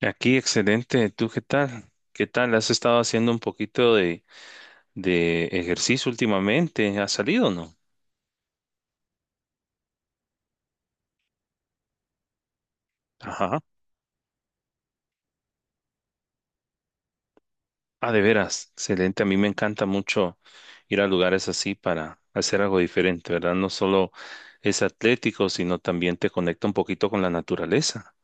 Aquí, excelente. ¿Tú qué tal? ¿Qué tal? ¿Has estado haciendo un poquito de ejercicio últimamente? ¿Has salido o no? Ajá. Ah, de veras. Excelente. A mí me encanta mucho ir a lugares así para hacer algo diferente, ¿verdad? No solo es atlético, sino también te conecta un poquito con la naturaleza.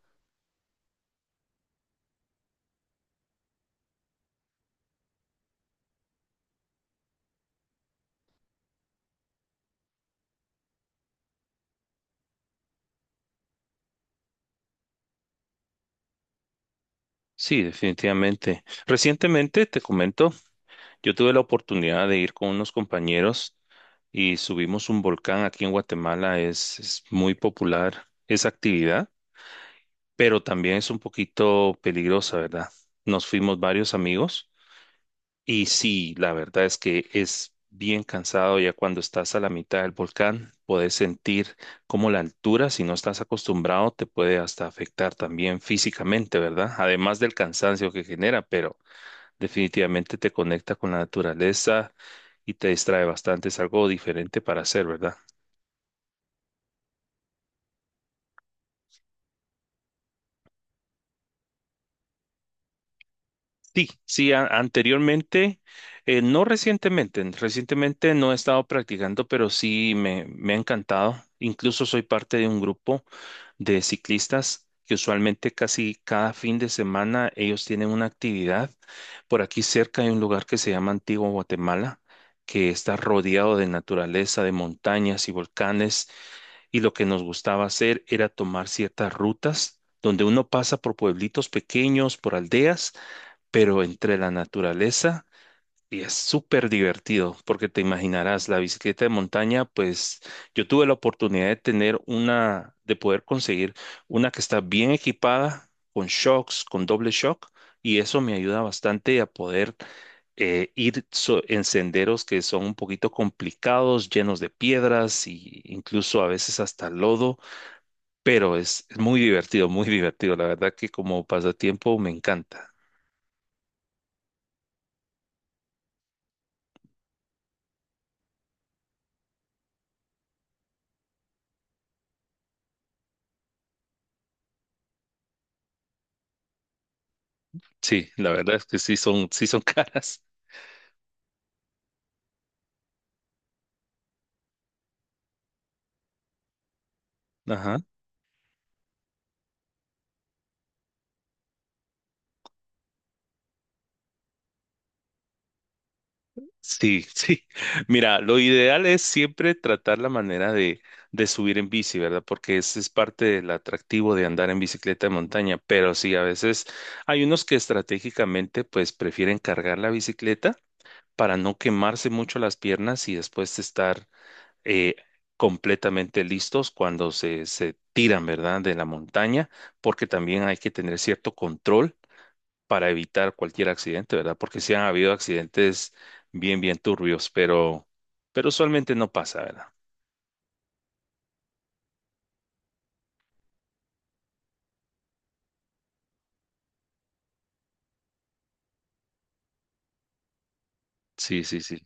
Sí, definitivamente. Recientemente, te comento, yo tuve la oportunidad de ir con unos compañeros y subimos un volcán aquí en Guatemala. Es muy popular esa actividad, pero también es un poquito peligrosa, ¿verdad? Nos fuimos varios amigos y sí, la verdad es que es bien cansado. Ya cuando estás a la mitad del volcán, puedes sentir como la altura, si no estás acostumbrado, te puede hasta afectar también físicamente, ¿verdad? Además del cansancio que genera, pero definitivamente te conecta con la naturaleza y te distrae bastante, es algo diferente para hacer, ¿verdad? Sí, sí, anteriormente, no recientemente, recientemente no he estado practicando, pero sí me ha encantado. Incluso soy parte de un grupo de ciclistas que usualmente casi cada fin de semana ellos tienen una actividad. Por aquí cerca hay un lugar que se llama Antigua Guatemala, que está rodeado de naturaleza, de montañas y volcanes, y lo que nos gustaba hacer era tomar ciertas rutas donde uno pasa por pueblitos pequeños, por aldeas, pero entre la naturaleza, y es súper divertido porque te imaginarás la bicicleta de montaña. Pues yo tuve la oportunidad de tener una, de poder conseguir una que está bien equipada con shocks, con doble shock, y eso me ayuda bastante a poder ir en senderos que son un poquito complicados, llenos de piedras e incluso a veces hasta lodo, pero es muy divertido, muy divertido. La verdad que como pasatiempo me encanta. Sí, la verdad es que sí son caras. Ajá. Sí, sí. Mira, lo ideal es siempre tratar la manera de subir en bici, ¿verdad? Porque ese es parte del atractivo de andar en bicicleta de montaña. Pero sí, a veces hay unos que estratégicamente pues prefieren cargar la bicicleta para no quemarse mucho las piernas y después estar eh, completamente listos cuando se tiran, ¿verdad? De la montaña, porque también hay que tener cierto control para evitar cualquier accidente, ¿verdad? Porque sí han habido accidentes bien, bien turbios, pero usualmente no pasa, ¿verdad? Sí, sí, sí.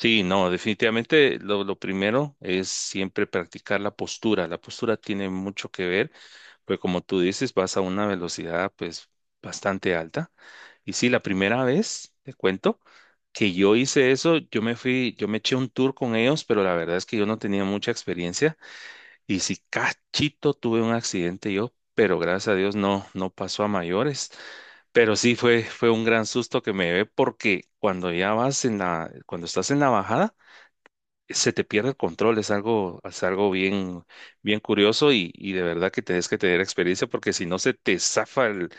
Sí, no, definitivamente lo primero es siempre practicar la postura. La postura tiene mucho que ver, pues como tú dices, vas a una velocidad pues bastante alta. Y sí, la primera vez, te cuento, que yo hice eso, yo me fui, yo me eché un tour con ellos, pero la verdad es que yo no tenía mucha experiencia. Y si cachito tuve un accidente yo, pero gracias a Dios no, no pasó a mayores. Pero sí fue un gran susto que me llevé porque cuando ya vas en la, cuando estás en la bajada, se te pierde el control. Es algo bien, bien curioso, y de verdad que tenés que tener experiencia porque si no se te zafa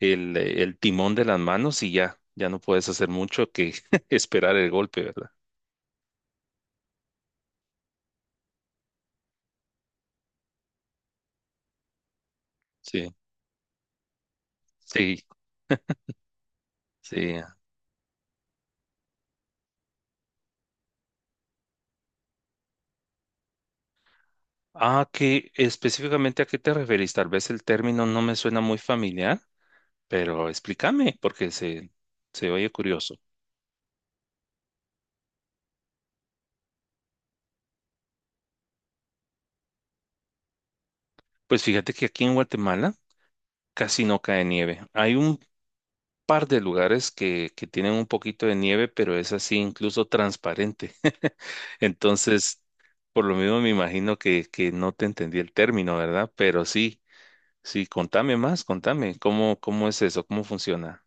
el timón de las manos y ya, ya no puedes hacer mucho que esperar el golpe, ¿verdad? Sí, sí, sí. Ah, ¿qué específicamente a qué te referís? Tal vez el término no me suena muy familiar, pero explícame porque se oye curioso. Pues fíjate que aquí en Guatemala casi no cae nieve. Hay un par de lugares que tienen un poquito de nieve, pero es así incluso transparente. Entonces, por lo mismo me imagino que no te entendí el término, ¿verdad? Pero sí, sí, contame más, contame, ¿cómo, cómo es eso? ¿Cómo funciona?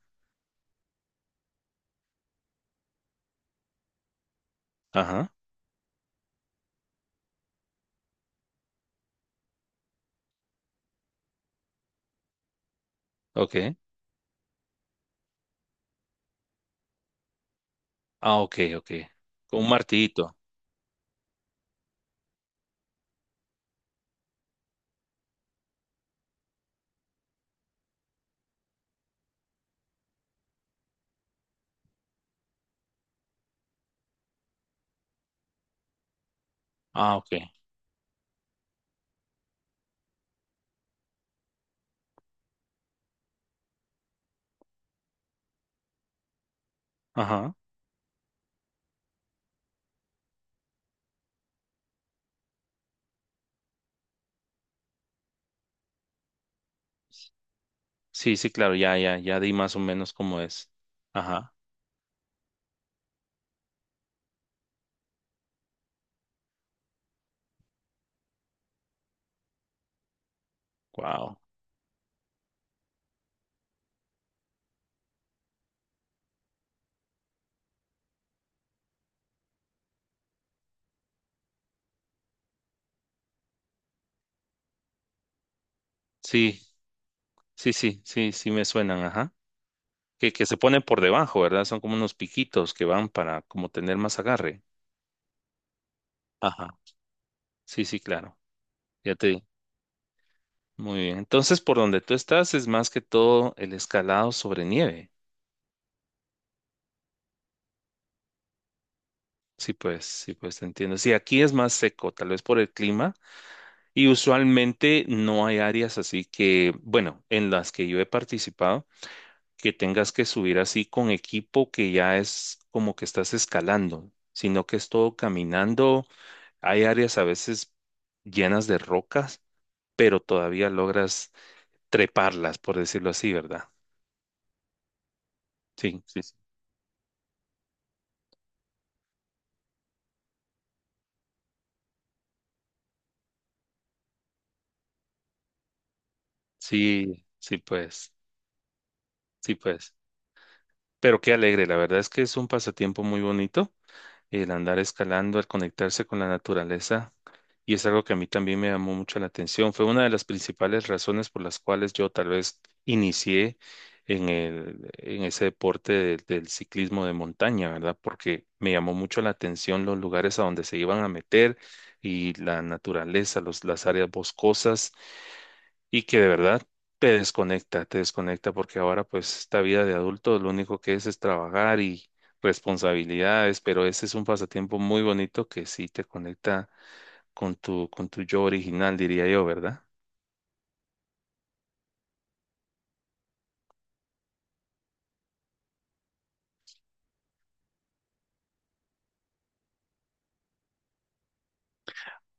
Ajá, ok. Ah, ok, ok. Con un martillito. Ah, ok. Ajá. Sí, sí, claro, ya, ya, ya di más o menos cómo es. Ajá. Wow. Sí, sí, sí, sí, sí me suenan, ajá. Que se ponen por debajo, ¿verdad? Son como unos piquitos que van para como tener más agarre. Ajá. Sí, sí, claro. Ya te. Muy bien. Entonces, por donde tú estás es más que todo el escalado sobre nieve. Sí, pues te entiendo. Sí, aquí es más seco, tal vez por el clima. Y usualmente no hay áreas así que, bueno, en las que yo he participado, que tengas que subir así con equipo que ya es como que estás escalando, sino que es todo caminando. Hay áreas a veces llenas de rocas, pero todavía logras treparlas, por decirlo así, ¿verdad? Sí, sí, sí, sí, sí, pues, sí, pues. Pero qué alegre, la verdad es que es un pasatiempo muy bonito el andar escalando, el conectarse con la naturaleza. Y es algo que a mí también me llamó mucho la atención. Fue una de las principales razones por las cuales yo tal vez inicié en el, en ese deporte del ciclismo de montaña, ¿verdad? Porque me llamó mucho la atención los lugares a donde se iban a meter y la naturaleza, los, las áreas boscosas, y que de verdad te desconecta porque ahora pues esta vida de adulto lo único que es trabajar y responsabilidades, pero ese es un pasatiempo muy bonito que sí te conecta con con tu yo original, diría yo, ¿verdad?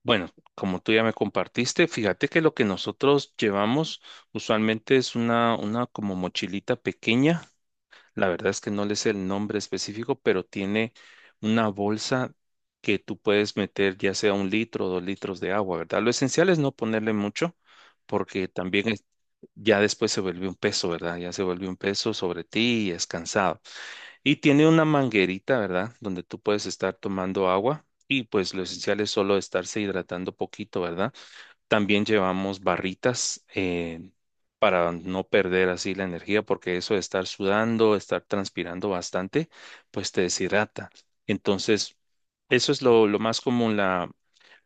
Bueno, como tú ya me compartiste, fíjate que lo que nosotros llevamos usualmente es una como mochilita pequeña. La verdad es que no le sé el nombre específico, pero tiene una bolsa que tú puedes meter ya sea un litro o dos litros de agua, ¿verdad? Lo esencial es no ponerle mucho porque también ya después se vuelve un peso, ¿verdad? Ya se vuelve un peso sobre ti y es cansado. Y tiene una manguerita, ¿verdad? Donde tú puedes estar tomando agua, y pues lo esencial es solo estarse hidratando poquito, ¿verdad? También llevamos barritas, para no perder así la energía, porque eso de estar sudando, estar transpirando bastante, pues te deshidrata. Entonces, eso es lo más común,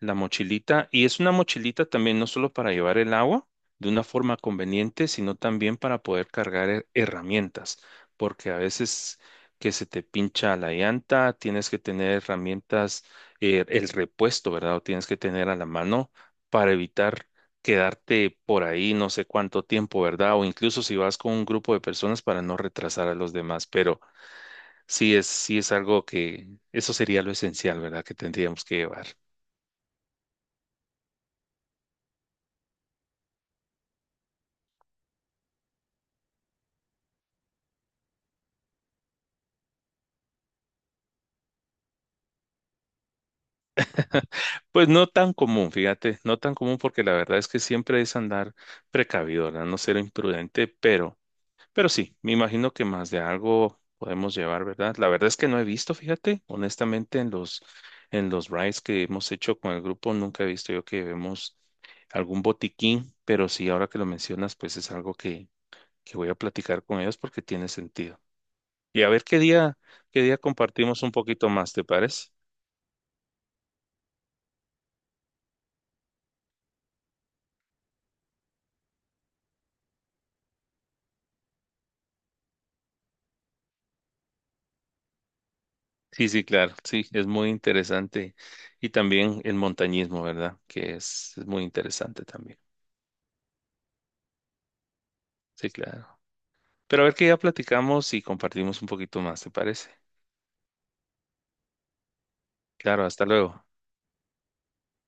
la mochilita. Y es una mochilita también no solo para llevar el agua de una forma conveniente, sino también para poder cargar herramientas, porque a veces que se te pincha la llanta, tienes que tener herramientas, el repuesto, ¿verdad? O tienes que tener a la mano para evitar quedarte por ahí no sé cuánto tiempo, ¿verdad? O incluso si vas con un grupo de personas para no retrasar a los demás, pero sí sí es algo que, eso sería lo esencial, ¿verdad? Que tendríamos que llevar. Pues no tan común, fíjate, no tan común porque la verdad es que siempre es andar precavido, ¿verdad? No ser imprudente, pero... Pero sí, me imagino que más de algo podemos llevar, ¿verdad? La verdad es que no he visto, fíjate, honestamente, en los rides que hemos hecho con el grupo, nunca he visto yo que vemos algún botiquín, pero sí, ahora que lo mencionas, pues es algo que voy a platicar con ellos porque tiene sentido. Y a ver qué día compartimos un poquito más, ¿te parece? Sí, sí, claro, sí, es muy interesante. Y también el montañismo, ¿verdad? Que es muy interesante también. Sí, claro. Pero a ver que ya platicamos y compartimos un poquito más, ¿te parece? Claro, hasta luego.